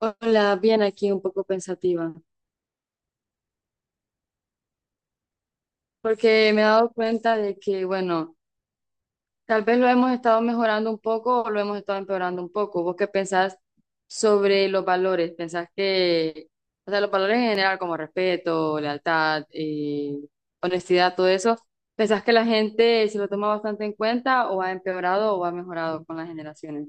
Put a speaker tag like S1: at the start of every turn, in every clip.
S1: Hola, bien aquí un poco pensativa, porque me he dado cuenta de que, bueno, tal vez lo hemos estado mejorando un poco o lo hemos estado empeorando un poco. ¿Vos qué pensás sobre los valores? ¿Pensás que, o sea, los valores en general como respeto, lealtad, honestidad, todo eso, ¿pensás que la gente se lo toma bastante en cuenta o ha empeorado o ha mejorado con las generaciones?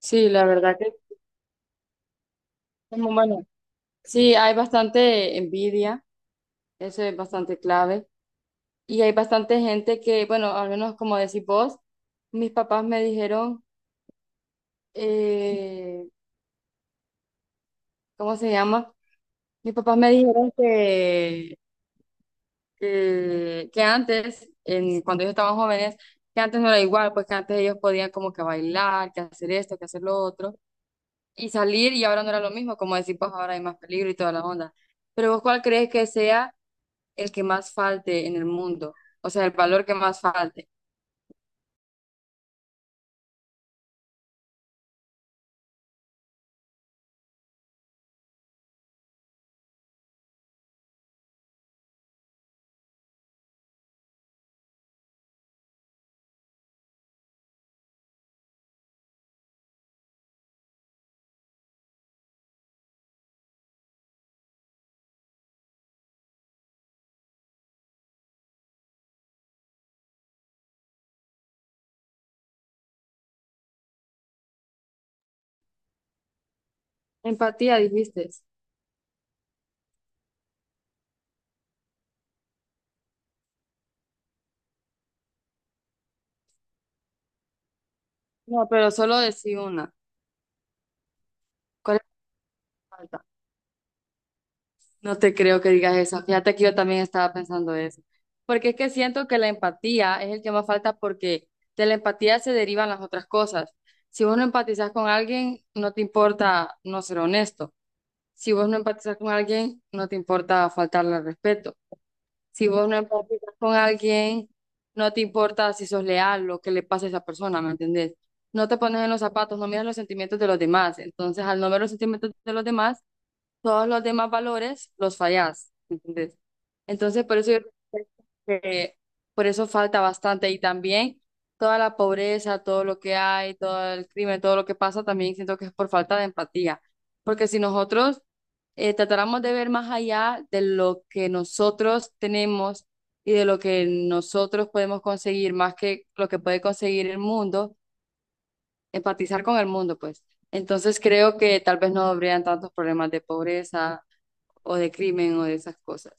S1: Sí, la verdad que, como, bueno, sí, hay bastante envidia, eso es bastante clave. Y hay bastante gente que, bueno, al menos como decís vos, mis papás me dijeron, eh, ¿cómo se llama? Mis papás me dijeron que, que antes, en, cuando ellos estaban jóvenes, que antes no era igual, pues que antes ellos podían como que bailar, que hacer esto, que hacer lo otro, y salir, y ahora no era lo mismo, como decís vos, ahora hay más peligro y toda la onda. Pero vos, ¿cuál crees que sea el que más falte en el mundo? O sea, el valor que más falte. Empatía, dijiste. No, pero solo decí una. ¿Cuál es la falta? No te creo que digas eso. Fíjate que yo también estaba pensando eso. Porque es que siento que la empatía es el que más falta porque de la empatía se derivan las otras cosas. Si vos no empatizas con alguien, no te importa no ser honesto. Si vos no empatizas con alguien, no te importa faltarle al respeto. Si vos no empatizas con alguien, no te importa si sos leal, lo que le pasa a esa persona, ¿me entendés? No te pones en los zapatos, no miras los sentimientos de los demás. Entonces, al no ver los sentimientos de los demás, todos los demás valores los fallás, ¿entendés? Entonces, por eso yo creo que por eso falta bastante y también toda la pobreza, todo lo que hay, todo el crimen, todo lo que pasa, también siento que es por falta de empatía, porque si nosotros tratáramos de ver más allá de lo que nosotros tenemos y de lo que nosotros podemos conseguir, más que lo que puede conseguir el mundo, empatizar con el mundo, pues. Entonces creo que tal vez no habrían tantos problemas de pobreza o de crimen o de esas cosas.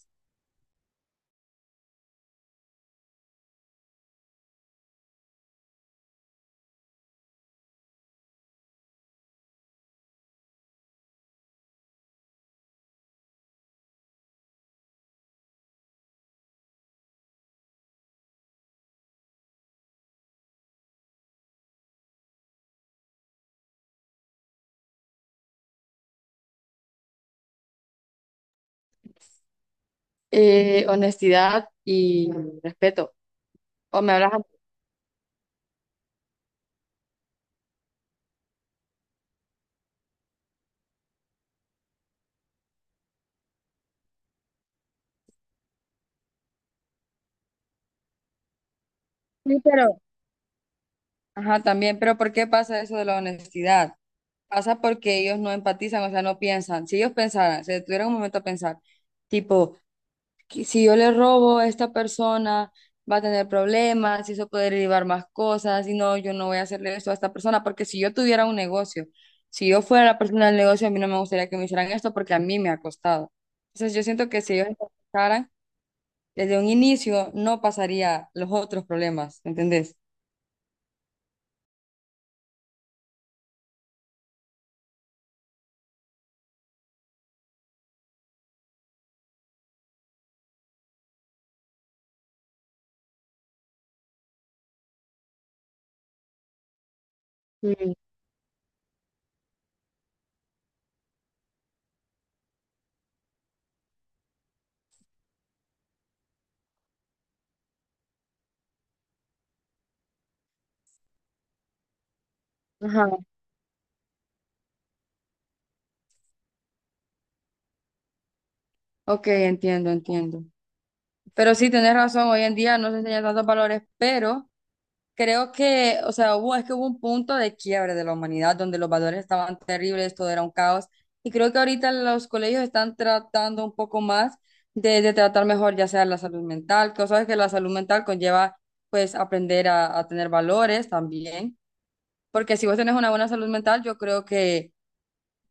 S1: Honestidad y respeto. O me hablas. Sí, pero, ajá, también, pero ¿por qué pasa eso de la honestidad? Pasa porque ellos no empatizan, o sea, no piensan. Si ellos pensaran, se detuvieran un momento a pensar, tipo, que si yo le robo a esta persona, va a tener problemas, y eso puede derivar más cosas, y no, yo no voy a hacerle eso a esta persona, porque si yo tuviera un negocio, si yo fuera la persona del negocio, a mí no me gustaría que me hicieran esto porque a mí me ha costado. Entonces yo siento que si ellos empezaran desde un inicio no pasaría los otros problemas, ¿entendés? Mm. Ajá. Ok, entiendo, entiendo. Pero sí, tenés razón, hoy en día no se enseñan tantos valores, pero creo que, o sea, hubo, es que hubo un punto de quiebre de la humanidad donde los valores estaban terribles, todo era un caos, y creo que ahorita los colegios están tratando un poco más de tratar mejor ya sea la salud mental, que sabes que la salud mental conlleva, pues, aprender a tener valores también, porque si vos tenés una buena salud mental, yo creo que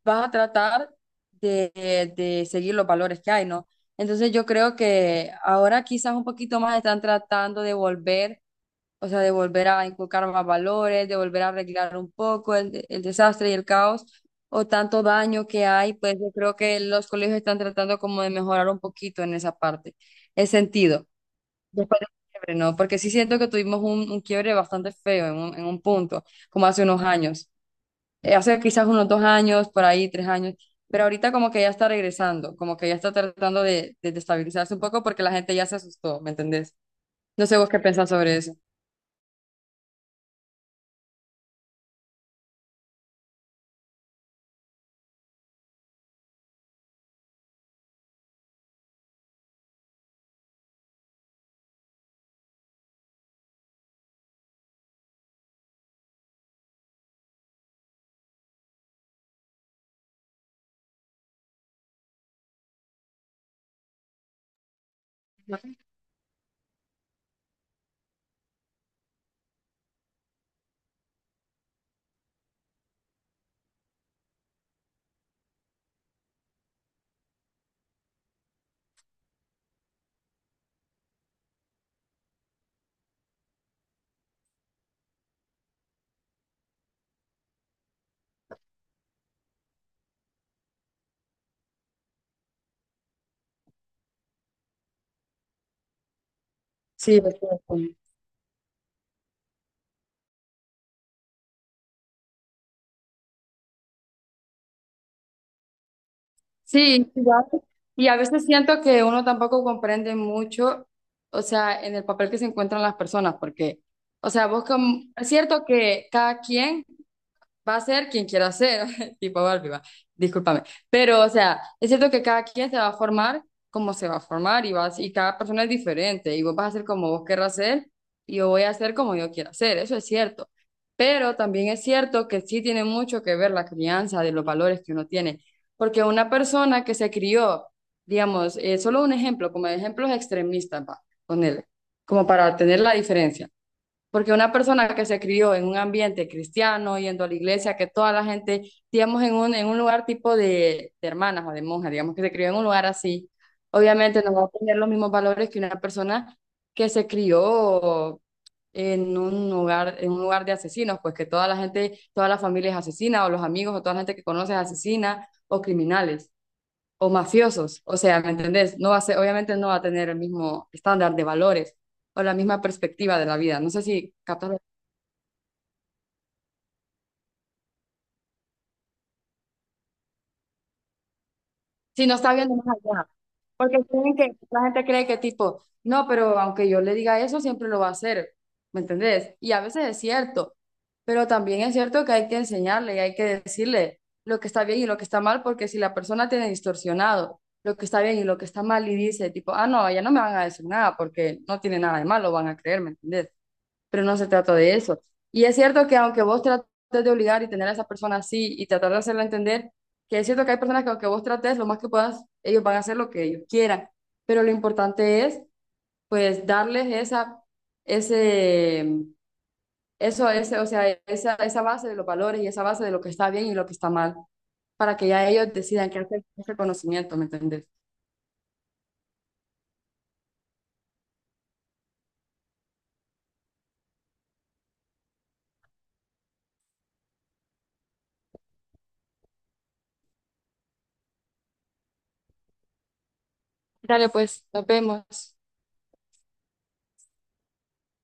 S1: vas a tratar de, de seguir los valores que hay, ¿no? Entonces yo creo que ahora quizás un poquito más están tratando de volver, o sea, de volver a inculcar más valores, de volver a arreglar un poco el desastre y el caos o tanto daño que hay, pues yo creo que los colegios están tratando como de mejorar un poquito en esa parte, ese sentido. Después del quiebre, ¿no? Porque sí siento que tuvimos un quiebre bastante feo en un punto, como hace unos años hace quizás unos dos años, por ahí tres años, pero ahorita como que ya está regresando, como que ya está tratando de estabilizarse un poco porque la gente ya se asustó, ¿me entendés? No sé vos qué pensás sobre eso. Sí, es cierto. Sí, igual. Y a veces siento que uno tampoco comprende mucho, o sea, en el papel que se encuentran las personas, porque, o sea, vos como, es cierto que cada quien va a ser quien quiera ser, tipo Barbie, va, discúlpame. Pero, o sea, es cierto que cada quien se va a formar como se va a formar y, vas, y cada persona es diferente y vos vas a ser como vos querrás ser y yo voy a ser como yo quiera ser, eso es cierto. Pero también es cierto que sí tiene mucho que ver la crianza de los valores que uno tiene, porque una persona que se crió, digamos, solo un ejemplo, como ejemplos extremistas, va, ponele, como para tener la diferencia. Porque una persona que se crió en un ambiente cristiano, yendo a la iglesia, que toda la gente, digamos, en un lugar tipo de hermanas o de monjas, digamos, que se crió en un lugar así, obviamente no va a tener los mismos valores que una persona que se crió en un lugar de asesinos, pues que toda la gente, toda la familia es asesina, o los amigos, o toda la gente que conoce es asesina, o criminales, o mafiosos. O sea, ¿me entendés? No va a ser, obviamente no va a tener el mismo estándar de valores o la misma perspectiva de la vida. No sé si captas. Si no está viendo más allá. Porque creen que, la gente cree que tipo, no, pero aunque yo le diga eso, siempre lo va a hacer. ¿Me entendés? Y a veces es cierto, pero también es cierto que hay que enseñarle y hay que decirle lo que está bien y lo que está mal, porque si la persona tiene distorsionado lo que está bien y lo que está mal y dice tipo, ah, no, ya no me van a decir nada porque no tiene nada de malo, van a creer, ¿me entendés? Pero no se trata de eso. Y es cierto que aunque vos trates de obligar y tener a esa persona así y tratar de hacerla entender, que es cierto que hay personas que aunque vos trates lo más que puedas, ellos van a hacer lo que ellos quieran, pero lo importante es pues darles esa, ese, eso, ese, o sea, esa base de los valores y esa base de lo que está bien y lo que está mal, para que ya ellos decidan qué hacer con ese conocimiento, ¿me entendés? Dale, pues, nos vemos.